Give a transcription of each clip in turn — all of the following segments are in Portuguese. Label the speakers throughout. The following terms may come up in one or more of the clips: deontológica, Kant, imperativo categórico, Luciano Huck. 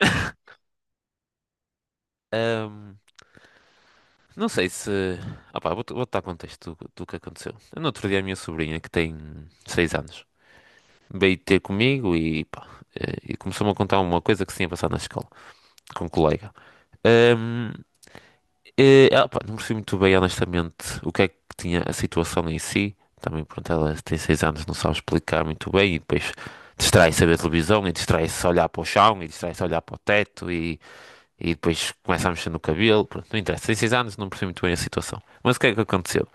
Speaker 1: Ahm, não sei se. Opá, vou dar contexto do que aconteceu. No outro dia, a minha sobrinha, que tem 6 anos, veio ter comigo e, pá, e começou-me a contar uma coisa que se tinha passado na escola, com um colega. Ahm, Pá, não percebi muito bem, honestamente, o que é que tinha a situação em si. Também, pronto, ela tem 6 anos, não sabe explicar muito bem e depois distrai-se a ver televisão e distrai-se a olhar para o chão e distrai-se a olhar para o teto e. E depois começa a mexer no cabelo. Pronto, não interessa. Tem seis anos, não percebi muito bem a situação. Mas o que é que aconteceu?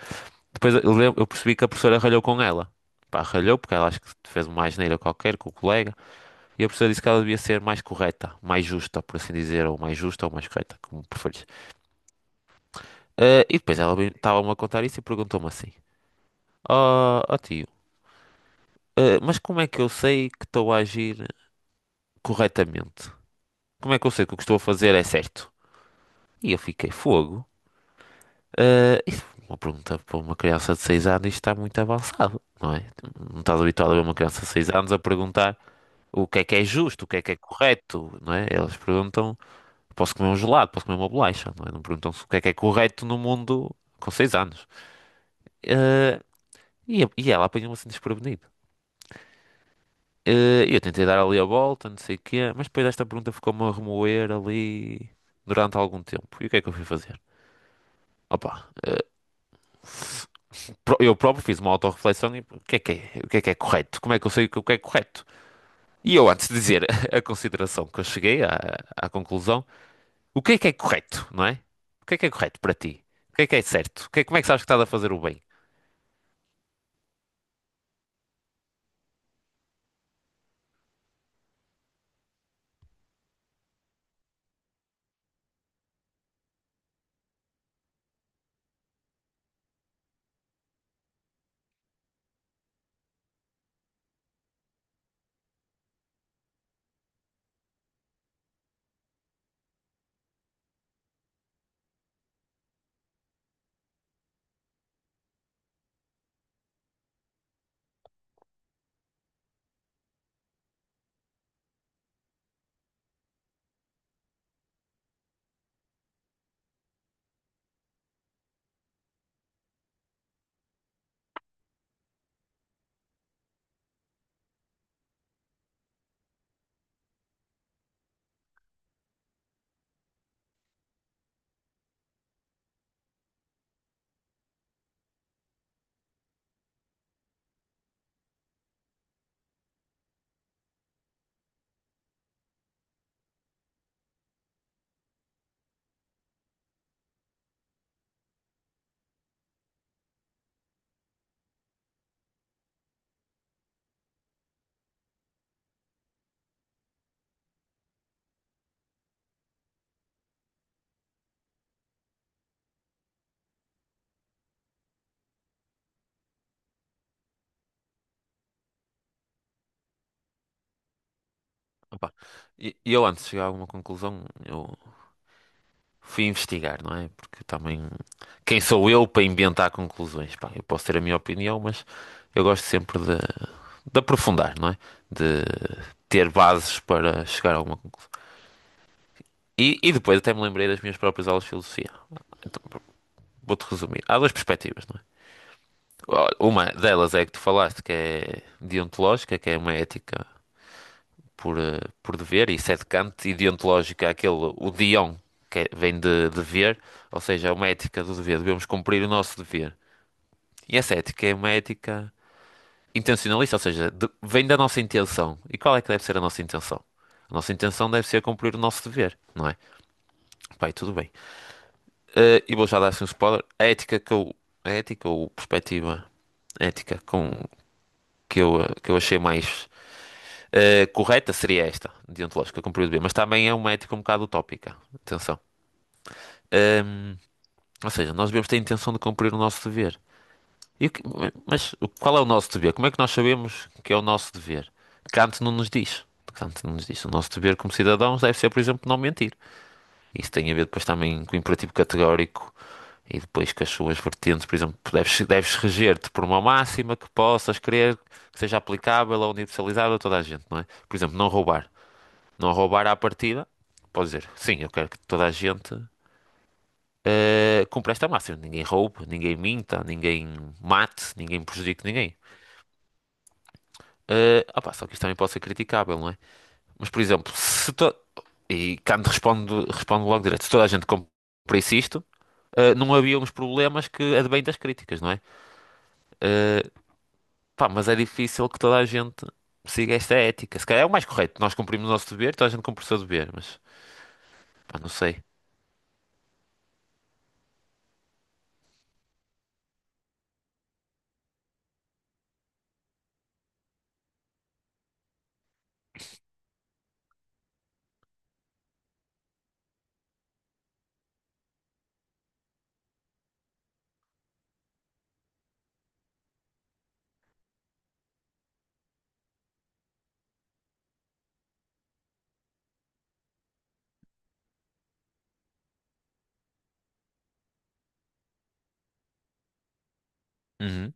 Speaker 1: Depois eu percebi que a professora ralhou com ela. Pá, ralhou porque ela acho que fez uma asneira qualquer com o colega. E a professora disse que ela devia ser mais correta, mais justa, por assim dizer, ou mais justa ou mais correta, como preferires. E depois ela estava-me a contar isso e perguntou-me assim: Ó tio, mas como é que eu sei que estou a agir corretamente? Como é que eu sei que o que estou a fazer é certo? E eu fiquei fogo. Isso é uma pergunta para uma criança de 6 anos, isto está muito avançado, não é? Não estás habituado a ver uma criança de 6 anos a perguntar o que é justo, o que é correto, não é? Elas perguntam, posso comer um gelado, posso comer uma bolacha, não é? Não perguntam se o que é correto no mundo com 6 anos. Eh, e, e ela apanhou-me assim desprevenido. Eu tentei dar ali a volta, não sei o quê, mas depois esta pergunta ficou-me a remoer ali durante algum tempo. E o que é que eu fui fazer? Opa, eu próprio fiz uma autorreflexão e o que é, o que é correto? Como é que eu sei o que é correto? E eu, antes de dizer a consideração que eu cheguei à conclusão, o que é correto, não é? O que é correto para ti? O que é certo? O que como é que sabes que estás a fazer o bem? Opa, E eu, antes de chegar a alguma conclusão, eu fui investigar, não é? Porque também, quem sou eu para inventar conclusões? Pá, eu posso ter a minha opinião, mas eu gosto sempre de aprofundar, não é? De ter bases para chegar a alguma conclusão. E depois até me lembrei das minhas próprias aulas de filosofia. Vou-te resumir. Há duas perspectivas, não é? Olha, uma delas é a que tu falaste, que é deontológica, que é uma ética por, por dever, e isso é de Kant, e deontológica é aquele, o dion, que vem de dever, ou seja, é uma ética do dever, devemos cumprir o nosso dever. E essa ética é uma ética intencionalista, ou seja, vem da nossa intenção. E qual é que deve ser a nossa intenção? A nossa intenção deve ser cumprir o nosso dever, não é? Pai, tudo bem. E vou já dar assim um spoiler. A ética que eu. A ética ou perspectiva ética com, que eu, que eu achei mais correta seria esta, deontológica, como proibido beber. Mas também é uma ética um bocado utópica. Atenção. Ehm, ou seja, nós devemos ter a intenção de cumprir o nosso dever. E o mas qual é o nosso dever? Como é que nós sabemos que é o nosso dever? Kant não nos diz. Kant não nos diz. O nosso dever como cidadãos deve ser, por exemplo, não mentir. Isso tem a ver depois também com o imperativo categórico e depois com as suas vertentes. Por exemplo, deves reger-te por uma máxima que possas querer que seja aplicável ou universalizável a toda a gente, não é? Por exemplo, não roubar. Não roubar à partida, pode dizer, sim, eu quero que toda a gente cumpra esta máxima. Ninguém roube, ninguém minta, ninguém mate, ninguém prejudique ninguém. Opá, só que isto também pode ser criticável, não é? Mas, por exemplo, se to... E Kant responde, responde logo direto, se toda a gente cumprisse isto, não havia uns problemas que advêm das críticas, não é? Uh, Pá, mas é difícil que toda a gente siga esta ética. Se calhar é o mais correto. Nós cumprimos o nosso dever, toda a gente cumpre o seu dever, mas pá, não sei. Uhum,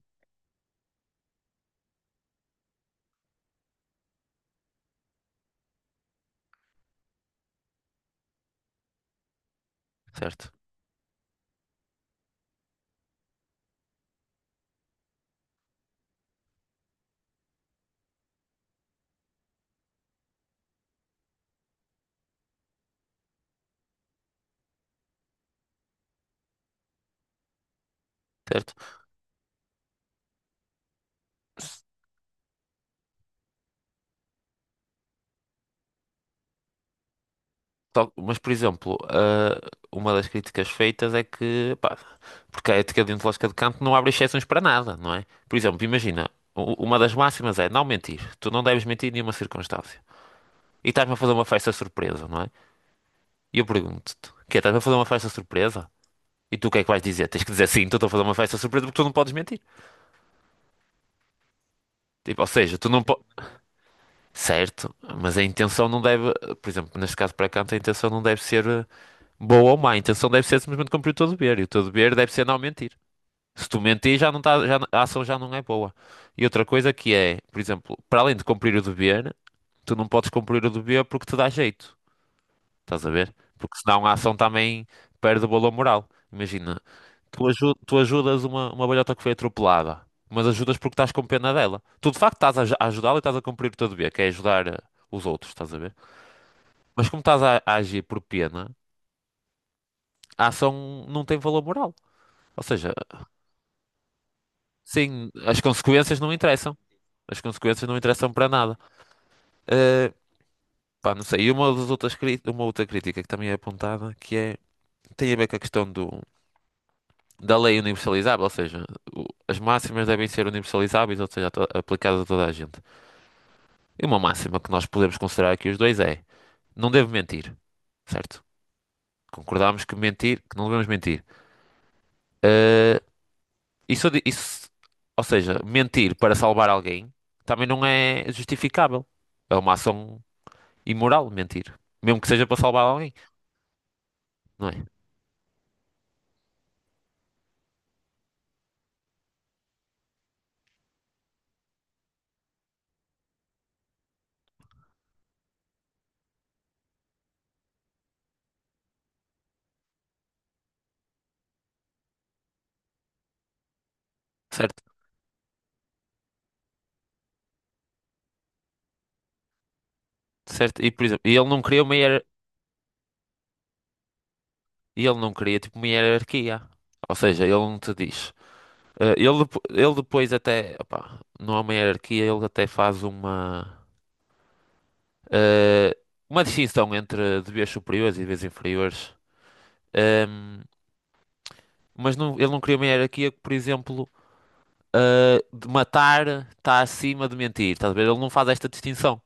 Speaker 1: certo, certo. Mas, por exemplo, uma das críticas feitas é que, pá, porque a ética deontológica de Kant não abre exceções para nada, não é? Por exemplo, imagina, uma das máximas é não mentir. Tu não deves mentir em nenhuma circunstância. E estás-me a fazer uma festa surpresa, não é? E eu pergunto-te, que estás-me a fazer uma festa surpresa? E tu o que é que vais dizer? Tens que dizer sim, estou a fazer uma festa surpresa porque tu não podes mentir. Tipo, ou seja, tu não podes. Certo, mas a intenção não deve, por exemplo, neste caso para canto, a intenção não deve ser boa ou má, a intenção deve ser simplesmente cumprir o teu dever, e o teu dever deve ser não mentir. Se tu mentir, já não tá, já, a ação já não é boa. E outra coisa que é, por exemplo, para além de cumprir o dever, tu não podes cumprir o dever porque te dá jeito, estás a ver? Porque senão a ação também perde o valor moral. Imagina, Tu ajudas uma velhota que foi atropelada, mas ajudas porque estás com pena dela. Tu de facto estás a ajudá-la e estás a cumprir o teu dever, que é ajudar os outros, estás a ver? Mas como estás a agir por pena, a ação não tem valor moral. Ou seja, sim, as consequências não interessam. As consequências não interessam para nada. Eh, Pá, não sei. E uma outra crítica que também é apontada, que é, tem a ver com a questão do, da lei universalizável, ou seja, as máximas devem ser universalizáveis, ou seja, a aplicadas a toda a gente. E uma máxima que nós podemos considerar aqui os dois é: não devo mentir, certo? Concordámos que não devemos mentir. Eh, isso, isso, ou seja, mentir para salvar alguém também não é justificável. É uma ação imoral mentir, mesmo que seja para salvar alguém, não é? Certo? Certo? E por exemplo, e ele não queria tipo uma hierarquia. Ou seja, ele não te diz. Ele, ele depois até, opá, não há uma hierarquia, ele até faz uma eh, uma distinção entre deveres superiores e deveres inferiores. Ehm, mas ele não criou uma hierarquia que, por exemplo, de matar está acima de mentir. Estás a ver? Ele não faz esta distinção.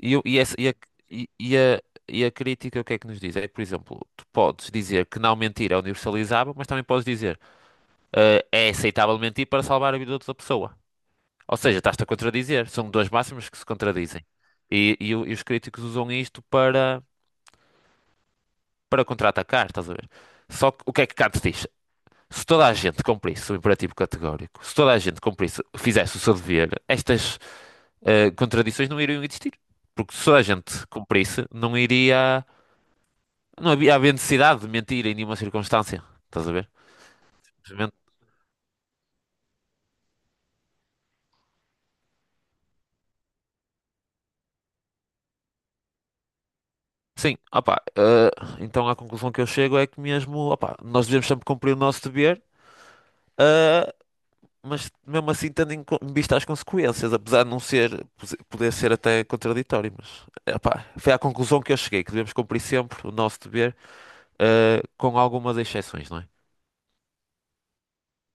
Speaker 1: E, eu- e essa- e a, e- e a- E a crítica, o que é que nos diz? É que, por exemplo, tu podes dizer que não mentir é universalizável, mas também podes dizer é aceitável mentir para salvar a vida de outra pessoa. Ou seja, estás-te a contradizer. São duas máximas que se contradizem. E e os críticos usam isto para contra-atacar, estás a ver? Só que o que é que Kant diz? Se toda a gente cumprisse o imperativo categórico, se toda a gente cumprisse, fizesse o seu dever, estas contradições não iriam existir. Porque se toda a gente cumprisse, não iria. Não havia, havia necessidade de mentir em nenhuma circunstância. Estás a ver? Simplesmente. Sim, opá. Então a conclusão que eu chego é que mesmo, opá, nós devemos sempre cumprir o nosso dever. eh, mas mesmo assim tendo em em vista as consequências, apesar de não ser, poder ser até contraditório, mas epá, foi à conclusão que eu cheguei, que devemos cumprir sempre o nosso dever, com algumas exceções, não é?